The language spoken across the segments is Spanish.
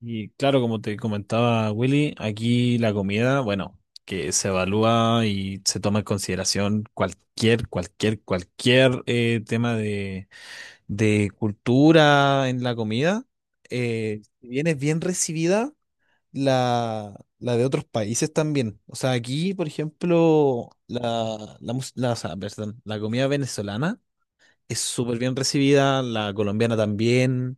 Y claro, como te comentaba Willy, aquí la comida, bueno, que se evalúa y se toma en consideración cualquier tema de cultura en la comida. Si bien es bien recibida, la de otros países también. O sea, aquí, por ejemplo, la, mus- la, o sea, perdón, la comida venezolana es súper bien recibida, la colombiana también,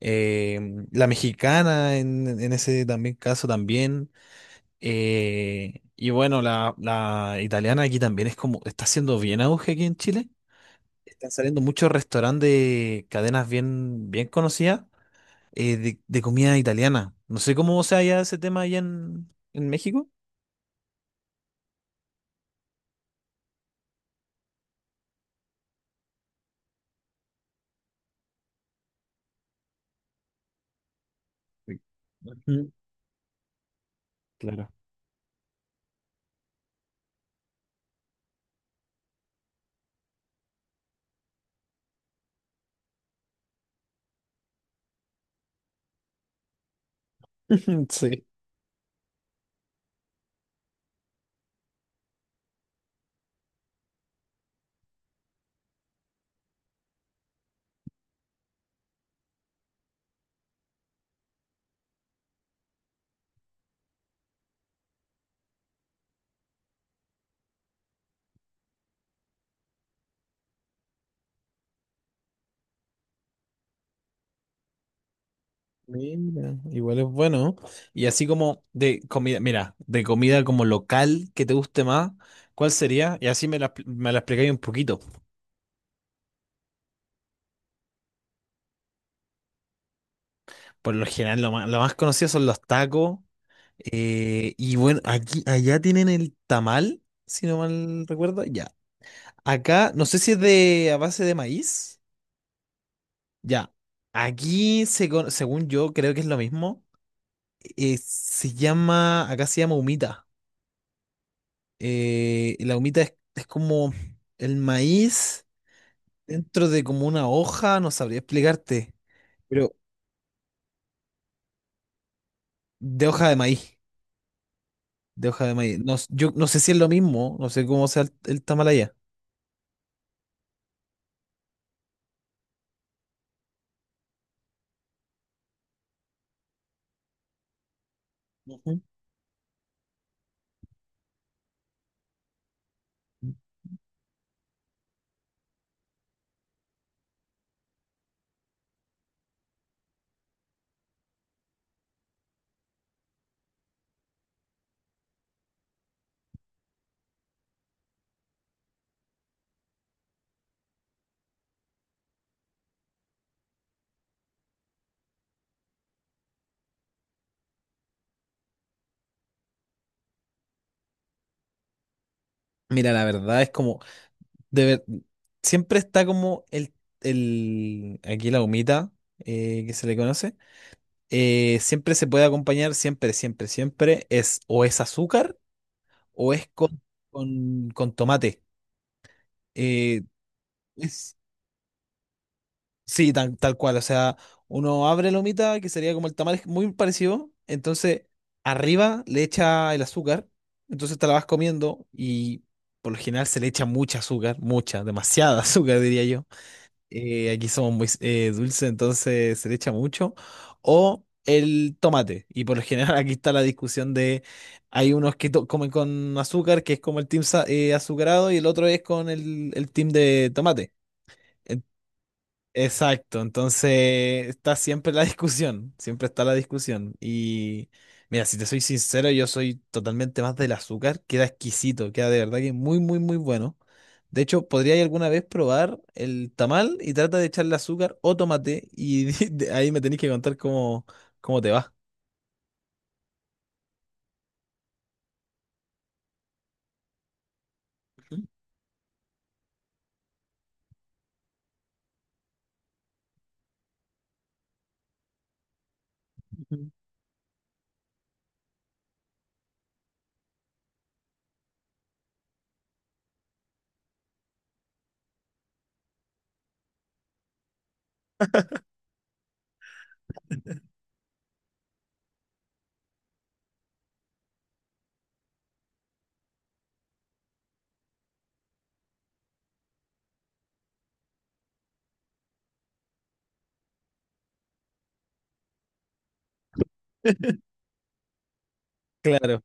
eh, la mexicana en ese también caso también. Y bueno, la italiana aquí también es como, está haciendo bien auge aquí en Chile. Están saliendo muchos restaurantes de cadenas bien conocidas de comida italiana. No sé cómo se halla ese tema allá en México. Sí. Ujú. Claro. Sí. Mira, igual es bueno. Y así como de comida, mira, de comida como local que te guste más, ¿cuál sería? Y así me la explicáis un poquito. Por lo general, lo más conocido son los tacos. Y bueno, allá tienen el tamal, si no mal recuerdo. Ya. Acá, no sé si es de a base de maíz. Ya. Aquí, según yo, creo que es lo mismo. Se llama, acá se llama humita. Y la humita es como el maíz dentro de como una hoja, no sabría explicarte, pero de hoja de maíz, de hoja de maíz. No, yo no sé si es lo mismo, no sé cómo sea el tamal allá. Ujú. Mira, la verdad es como, de ver- siempre está como el, aquí la humita que se le conoce, siempre se puede acompañar, siempre, siempre, siempre, es o es azúcar o es con tomate. Eh, es sí, tal cual. O sea, uno abre la humita, que sería como el tamal, es muy parecido. Entonces, arriba le echa el azúcar. Entonces te la vas comiendo y por lo general se le echa mucha azúcar, mucha, demasiada azúcar, diría yo. Aquí somos muy dulces, entonces se le echa mucho. O el tomate. Y por lo general aquí está la discusión de, hay unos comen con azúcar, que es como azucarado, y el otro es con el team de tomate. Exacto, entonces está siempre la discusión, siempre está la discusión. Y mira, si te soy sincero, yo soy totalmente más del azúcar, queda exquisito, queda de verdad que muy, muy, muy bueno. De hecho, podría alguna vez probar el tamal y trata de echarle azúcar o tomate y de ahí me tenés que contar cómo, cómo te va. Claro.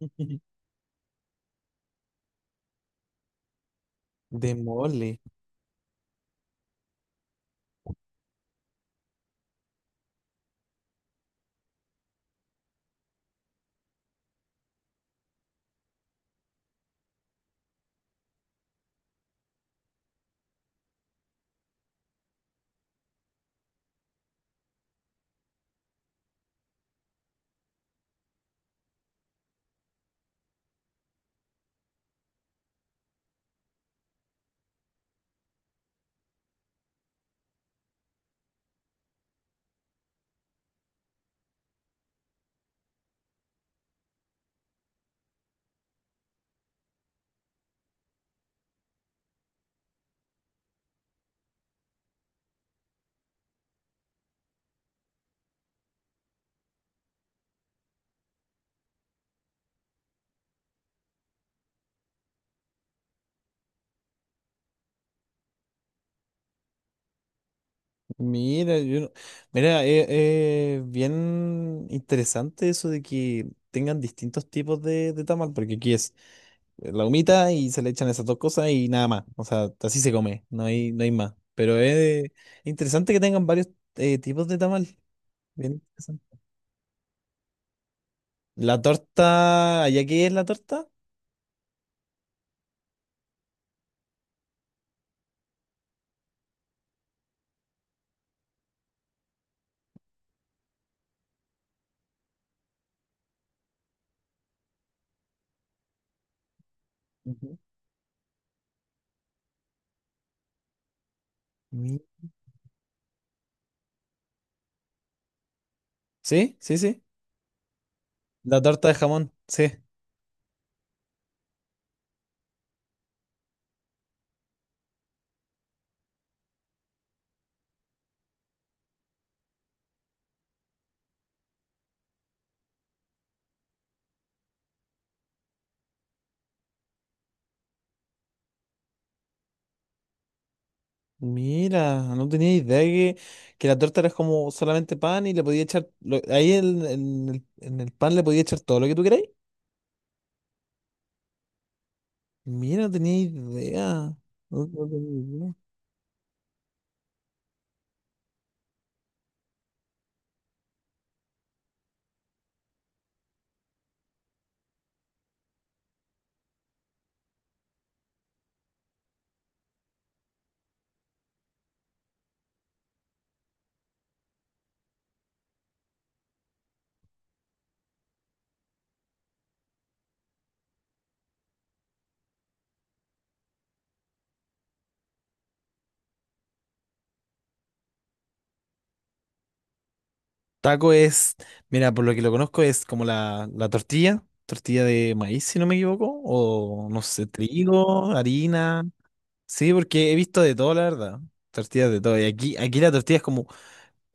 De mole. Mira, yo no- mira, es bien interesante eso de que tengan distintos tipos de tamal, porque aquí es la humita y se le echan esas dos cosas y nada más. O sea, así se come, no hay, no hay más. Pero es interesante que tengan varios tipos de tamal. Bien interesante. La torta, ¿allá qué es la torta? Ujú. Mm. Sí, sí, sí. La torta de jamón, sí. Mira, no tenía idea que, que la torta era como solamente pan y le podía echar, ahí en, en el pan le podía echar todo lo que tú queráis. Mira, no tenía idea. No, no tenía idea. Taco es, mira, por lo que lo conozco es como la tortilla, tortilla de maíz, si no me equivoco, o no sé, trigo, harina. Sí, porque he visto de todo, la verdad. Tortillas de todo. Y aquí la tortilla es como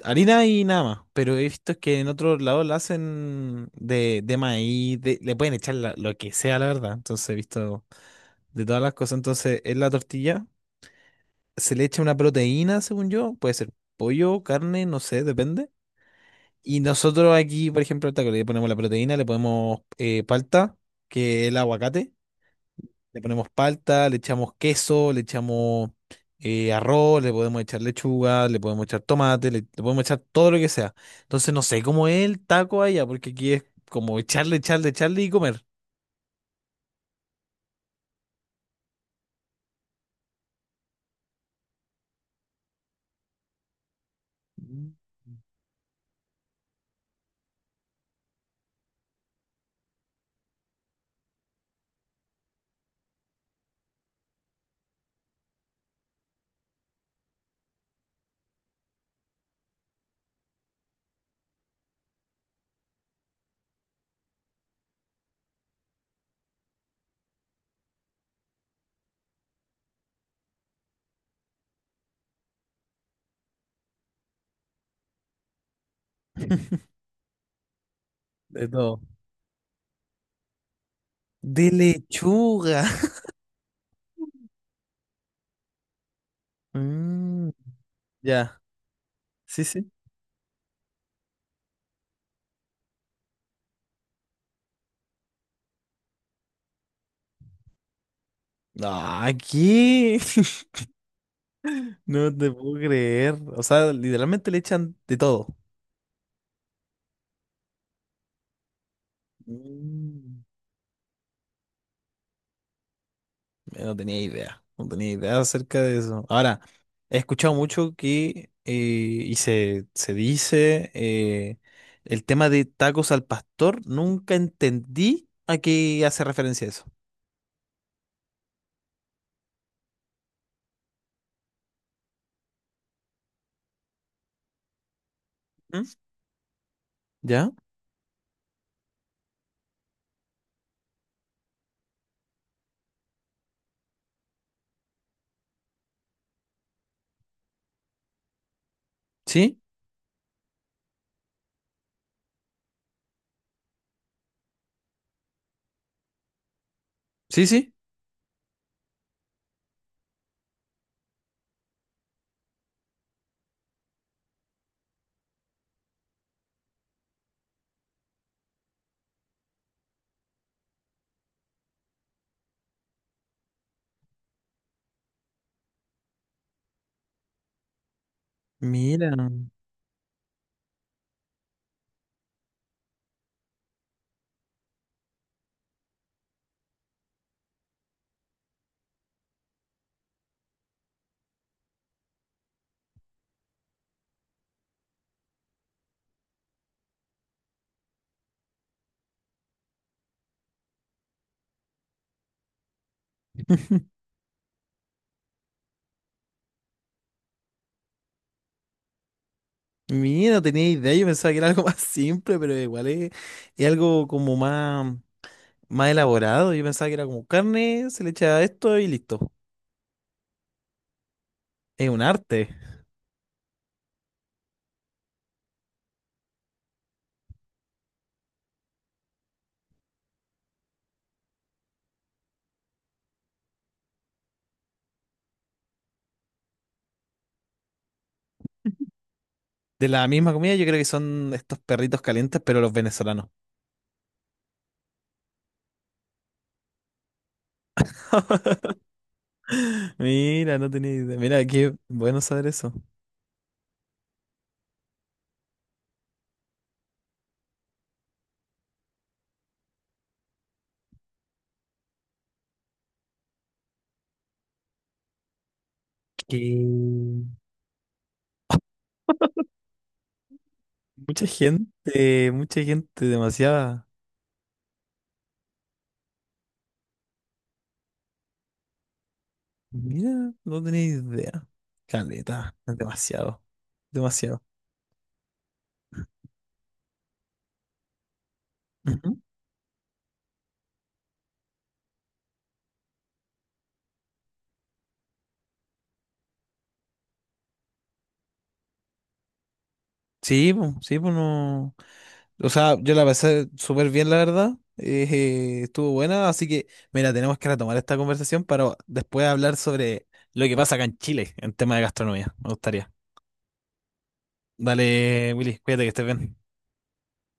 harina y nada más, pero he visto que en otros lados la hacen de maíz, le pueden echar lo que sea, la verdad. Entonces he visto de todas las cosas. Entonces, en la tortilla se le echa una proteína, según yo, puede ser pollo, carne, no sé, depende. Y nosotros aquí, por ejemplo, al taco le ponemos la proteína, le ponemos palta, que es el aguacate, le ponemos palta, le echamos queso, le echamos arroz, le podemos echar lechuga, le podemos echar tomate, le podemos echar todo lo que sea. Entonces no sé cómo es el taco allá, porque aquí es como echarle, echarle, echarle y comer. Mm. De todo. De lechuga. Mm, ya. Sí, sí. Ah, ¿qué? No te puedo creer. O sea, literalmente le echan de todo. Mm. No tenía idea, no tenía idea acerca de eso. Ahora, he escuchado mucho que, y se dice, el tema de tacos al pastor, nunca entendí a qué hace referencia eso. ¿Mm? ¿Ya? ¿Sí? ¿Sí, sí? Mira, mira, no tenía idea, yo pensaba que era algo más simple, pero igual es algo como más, más elaborado. Yo pensaba que era como carne, se le echa esto y listo. Es un arte. De la misma comida, yo creo que son estos perritos calientes, pero los venezolanos. Mira, no tenía idea. Mira, qué bueno saber eso. Que... mucha gente, demasiada. Mira, no tenía idea. Caleta, demasiado, demasiado. Ujú. Sí, pues no. O sea, yo la pasé súper bien, la verdad. Estuvo buena, así que, mira, tenemos que retomar esta conversación para después hablar sobre lo que pasa acá en Chile en tema de gastronomía. Me gustaría. Dale, Willy, cuídate que estés bien.